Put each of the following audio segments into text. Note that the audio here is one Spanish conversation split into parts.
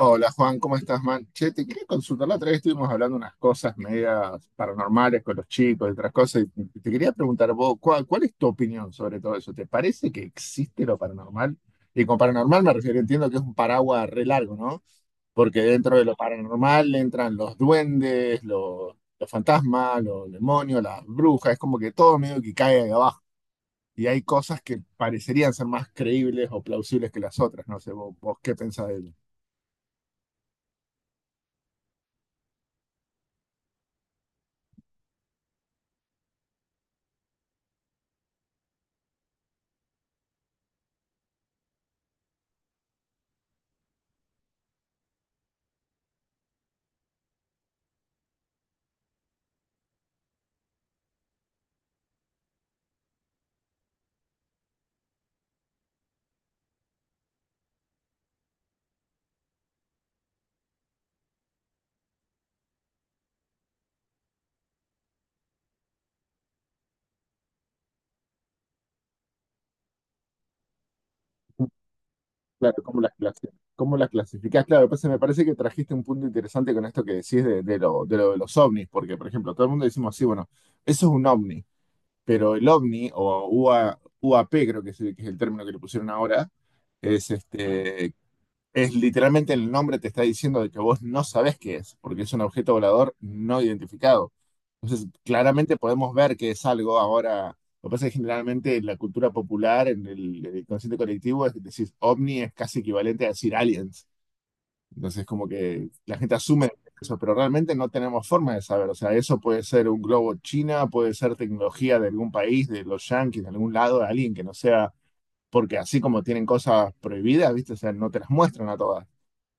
Hola Juan, ¿cómo estás, man? Che, te quería consultar. La otra vez estuvimos hablando unas cosas medias paranormales con los chicos y otras cosas. Y te quería preguntar vos, ¿cuál es tu opinión sobre todo eso? ¿Te parece que existe lo paranormal? Y con paranormal me refiero, entiendo que es un paraguas re largo, ¿no? Porque dentro de lo paranormal entran los duendes, los fantasmas, los demonios, las brujas, es como que todo medio que cae ahí abajo. Y hay cosas que parecerían ser más creíbles o plausibles que las otras. No sé, vos qué pensás de eso. Claro, cómo las clasificás? Claro, pues me parece que trajiste un punto interesante con esto que decís de lo de los ovnis, porque, por ejemplo, todo el mundo decimos, sí, bueno, eso es un ovni, pero el ovni, o UA UAP creo que es, que es el término que le pusieron ahora, es este, es literalmente el nombre te está diciendo de que vos no sabés qué es, porque es un objeto volador no identificado. Entonces, claramente podemos ver que es algo ahora. Lo que pasa es que generalmente en la cultura popular, en el consciente colectivo, es decir ovni es casi equivalente a decir aliens. Entonces, como que la gente asume eso, pero realmente no tenemos forma de saber. O sea, eso puede ser un globo china, puede ser tecnología de algún país, de los yanquis, de algún lado, de alguien que no sea. Porque así como tienen cosas prohibidas, ¿viste? O sea, no te las muestran a todas.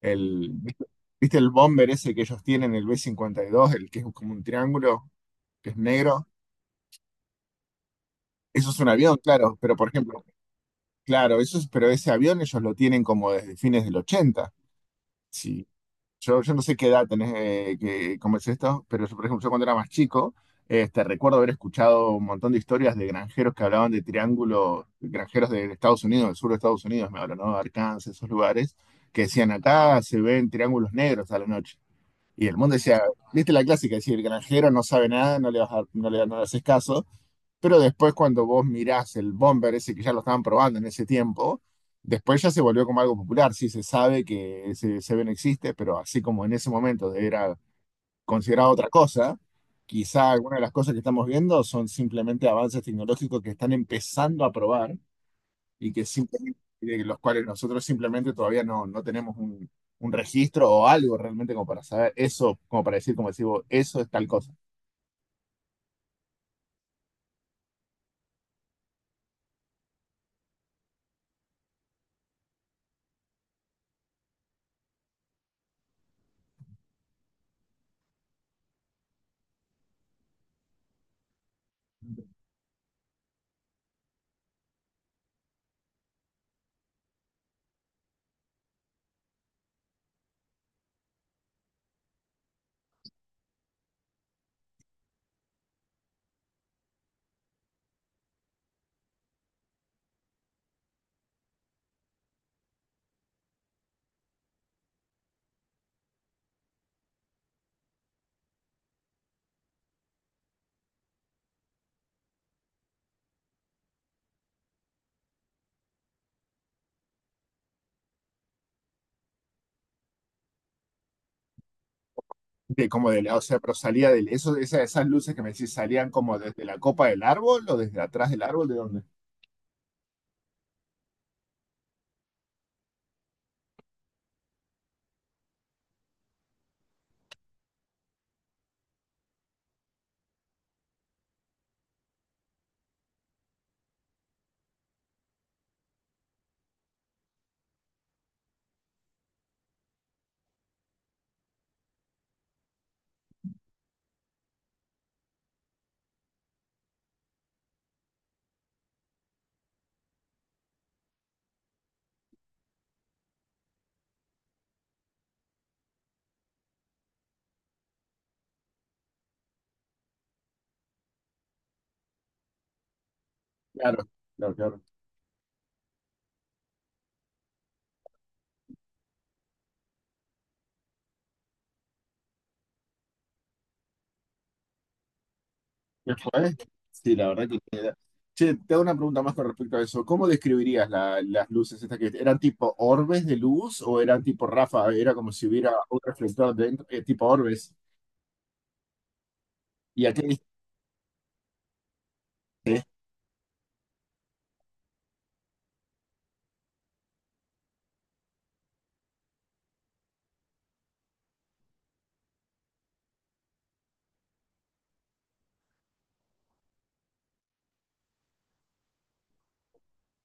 El, ¿viste viste el bomber ese que ellos tienen, el B-52, el que es como un triángulo, que es negro? Eso es un avión, claro, pero por ejemplo, claro, eso es, pero ese avión ellos lo tienen como desde fines del 80. Sí. Yo no sé qué edad tenés, cómo es esto, pero yo, por ejemplo, yo cuando era más chico, este, recuerdo haber escuchado un montón de historias de granjeros que hablaban de triángulos, granjeros de Estados Unidos, del sur de Estados Unidos, me hablan, ¿no? Arkansas, esos lugares, que decían acá se ven triángulos negros a la noche. Y el mundo decía, viste la clásica, decir, el granjero no sabe nada, no le, vas a- no le, no le haces caso, pero después cuando vos mirás el bomber ese que ya lo estaban probando en ese tiempo, después ya se volvió como algo popular, sí se sabe que ese Seven existe, pero así como en ese momento era considerado otra cosa, quizá algunas de las cosas que estamos viendo son simplemente avances tecnológicos que están empezando a probar y que simplemente, de los cuales nosotros simplemente todavía no tenemos un registro o algo realmente como para saber eso, como para decir, como decimos, eso es tal cosa. De, como de, la- O sea, pero salía esas luces que me decís, ¿salían como desde la copa del árbol o desde atrás del árbol? ¿De dónde? Claro, claro, claro. ¿Qué fue? Sí, la verdad que... Che, te hago una pregunta más con respecto a eso. ¿Cómo describirías las luces estas que eran tipo orbes de luz o eran tipo ráfaga? Era como si hubiera un reflector dentro, tipo orbes. ¿Y a qué distancia?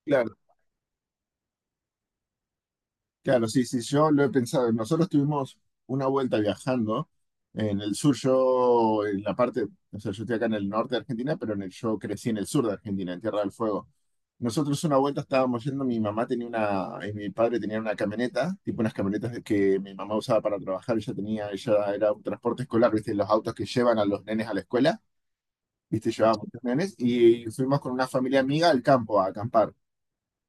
Claro. Claro, sí, sí, yo lo he pensado. Nosotros tuvimos una vuelta viajando en el sur, yo en la parte, o sea, yo estoy acá en el norte de Argentina, pero yo crecí en el sur de Argentina, en Tierra del Fuego. Nosotros una vuelta estábamos yendo, mi mamá tenía una, y mi padre tenía una camioneta, tipo unas camionetas de que mi mamá usaba para trabajar, ella tenía, ella era un transporte escolar, viste, los autos que llevan a los nenes a la escuela, viste, llevaba muchos nenes, y fuimos con una familia amiga al campo a acampar.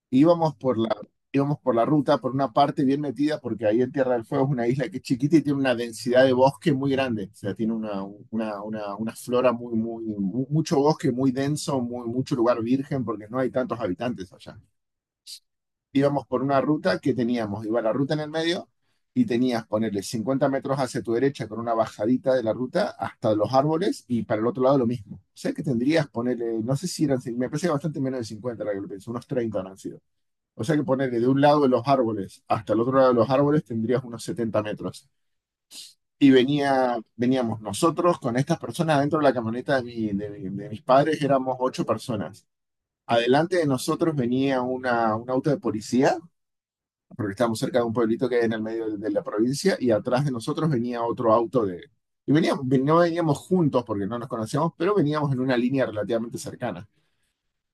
íbamos por la, íbamos por la ruta, por una parte bien metida, porque ahí en Tierra del Fuego es una isla que es chiquita y tiene una densidad de bosque muy grande. O sea, tiene una flora muy mucho bosque muy denso, muy, mucho lugar virgen, porque no hay tantos habitantes allá. Íbamos por una ruta que teníamos, iba la ruta en el medio y tenías ponerle 50 metros hacia tu derecha con una bajadita de la ruta hasta los árboles y para el otro lado lo mismo. O sea que tendrías ponerle, no sé si eran, me parece que bastante menos de 50 la que lo pienso unos 30 han sido. O sea que ponerle de un lado de los árboles hasta el otro lado de los árboles tendrías unos 70 metros. Y venía, veníamos nosotros con estas personas dentro de la camioneta de mis padres, éramos ocho personas. Adelante de nosotros venía un auto de policía, porque estábamos cerca de un pueblito que hay en el medio de la provincia, y atrás de nosotros venía otro auto de... Y veníamos, no veníamos juntos porque no nos conocíamos, pero veníamos en una línea relativamente cercana.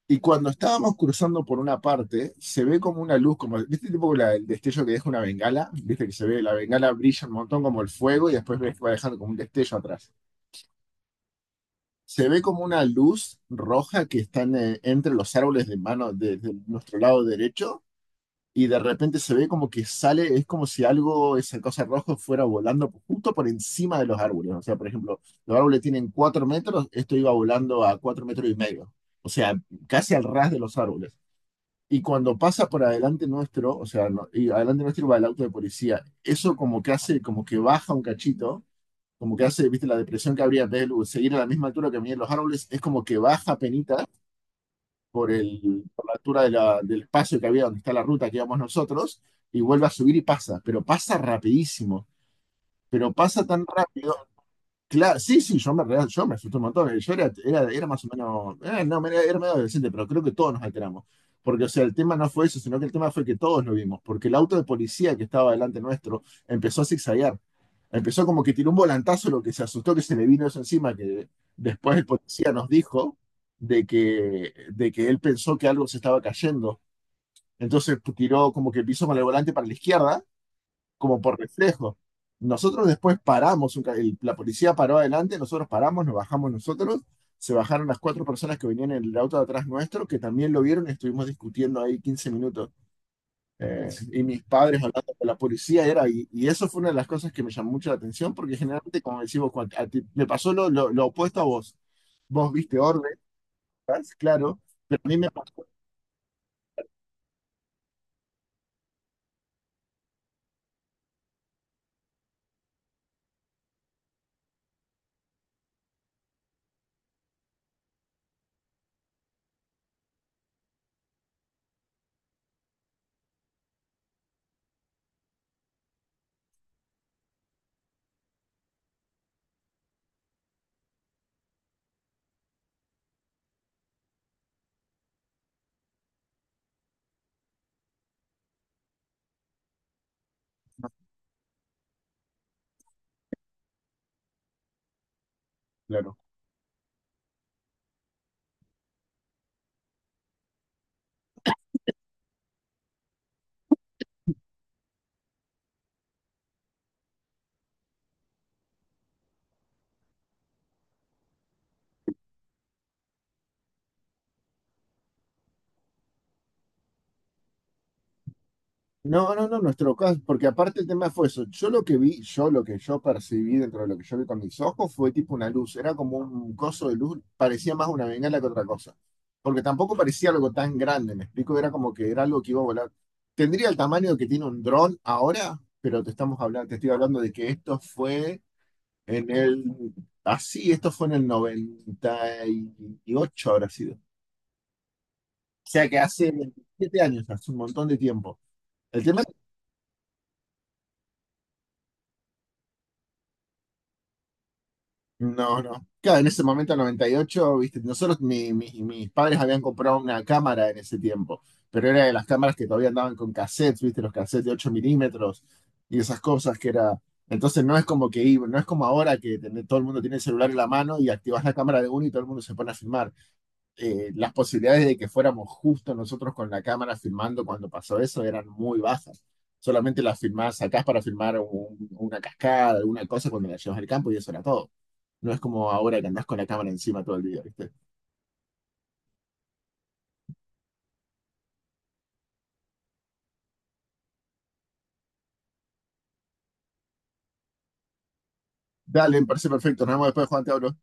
Y cuando estábamos cruzando por una parte, se ve como una luz, como, ¿viste tipo el destello que deja una bengala? ¿Viste que se ve? La bengala brilla un montón como el fuego y después ves que va dejando como un destello atrás. Se ve como una luz roja que está en, entre los árboles de mano de nuestro lado derecho y de repente se ve como que sale, es como si algo, esa cosa roja fuera volando justo por encima de los árboles. O sea, por ejemplo, los árboles tienen 4 metros, esto iba volando a 4 metros y medio. O sea, casi al ras de los árboles. Y cuando pasa por adelante nuestro, o sea, y adelante nuestro va el auto de policía, eso como que hace, como que baja un cachito, como que hace, viste, la depresión que habría en vez de seguir a la misma altura que venían los árboles, es como que baja penita por el, por la altura de del espacio que había donde está la ruta que íbamos nosotros, y vuelve a subir y pasa, pero pasa rapidísimo, pero pasa tan rápido. Claro, sí, sí, yo me asusté un montón. Yo era más o menos, no, era medio adolescente, pero creo que todos nos alteramos. Porque, o sea, el tema no fue eso, sino que el tema fue que todos lo vimos, porque el auto de policía que estaba delante nuestro empezó a zigzaguear. Empezó como que tiró un volantazo, lo que se asustó que se le vino eso encima, que después el policía nos dijo de que él pensó que algo se estaba cayendo. Entonces pues, tiró como que pisó con el volante para la izquierda como por reflejo. Nosotros después paramos, la policía paró adelante, nosotros paramos, nos bajamos nosotros, se bajaron las cuatro personas que venían en el auto de atrás nuestro, que también lo vieron y estuvimos discutiendo ahí 15 minutos. Y mis padres hablando con la policía era, y eso fue una de las cosas que me llamó mucho la atención, porque generalmente, como decimos, cuando me pasó lo opuesto a vos. Vos viste órdenes, claro, pero a mí me pasó, claro. No, no, no, nuestro caso, porque aparte el tema fue eso. Yo lo que vi, yo lo que yo percibí dentro de lo que yo vi con mis ojos fue tipo una luz, era como un coso de luz, parecía más una bengala que otra cosa. Porque tampoco parecía algo tan grande, me explico, era como que era algo que iba a volar. Tendría el tamaño que tiene un dron ahora, pero te estoy hablando de que esto fue en el, en el 98, habrá sido. O sea que hace 27 años, hace un montón de tiempo. El tema. No, no. Claro, en ese momento, 98, viste, nosotros, mis padres habían comprado una cámara en ese tiempo, pero era de las cámaras que todavía andaban con cassettes, viste, los cassettes de 8 milímetros y esas cosas que era... Entonces no es como que, no es como ahora que todo el mundo tiene el celular en la mano y activas la cámara de uno y todo el mundo se pone a filmar. Las posibilidades de que fuéramos justo nosotros con la cámara filmando cuando pasó eso eran muy bajas. Solamente las filmás, sacás para filmar una cascada, alguna cosa cuando la llevas al campo y eso era todo. No es como ahora que andás con la cámara encima todo el día, ¿viste? Dale, me parece perfecto. Nos vemos después, Juan, te hablo.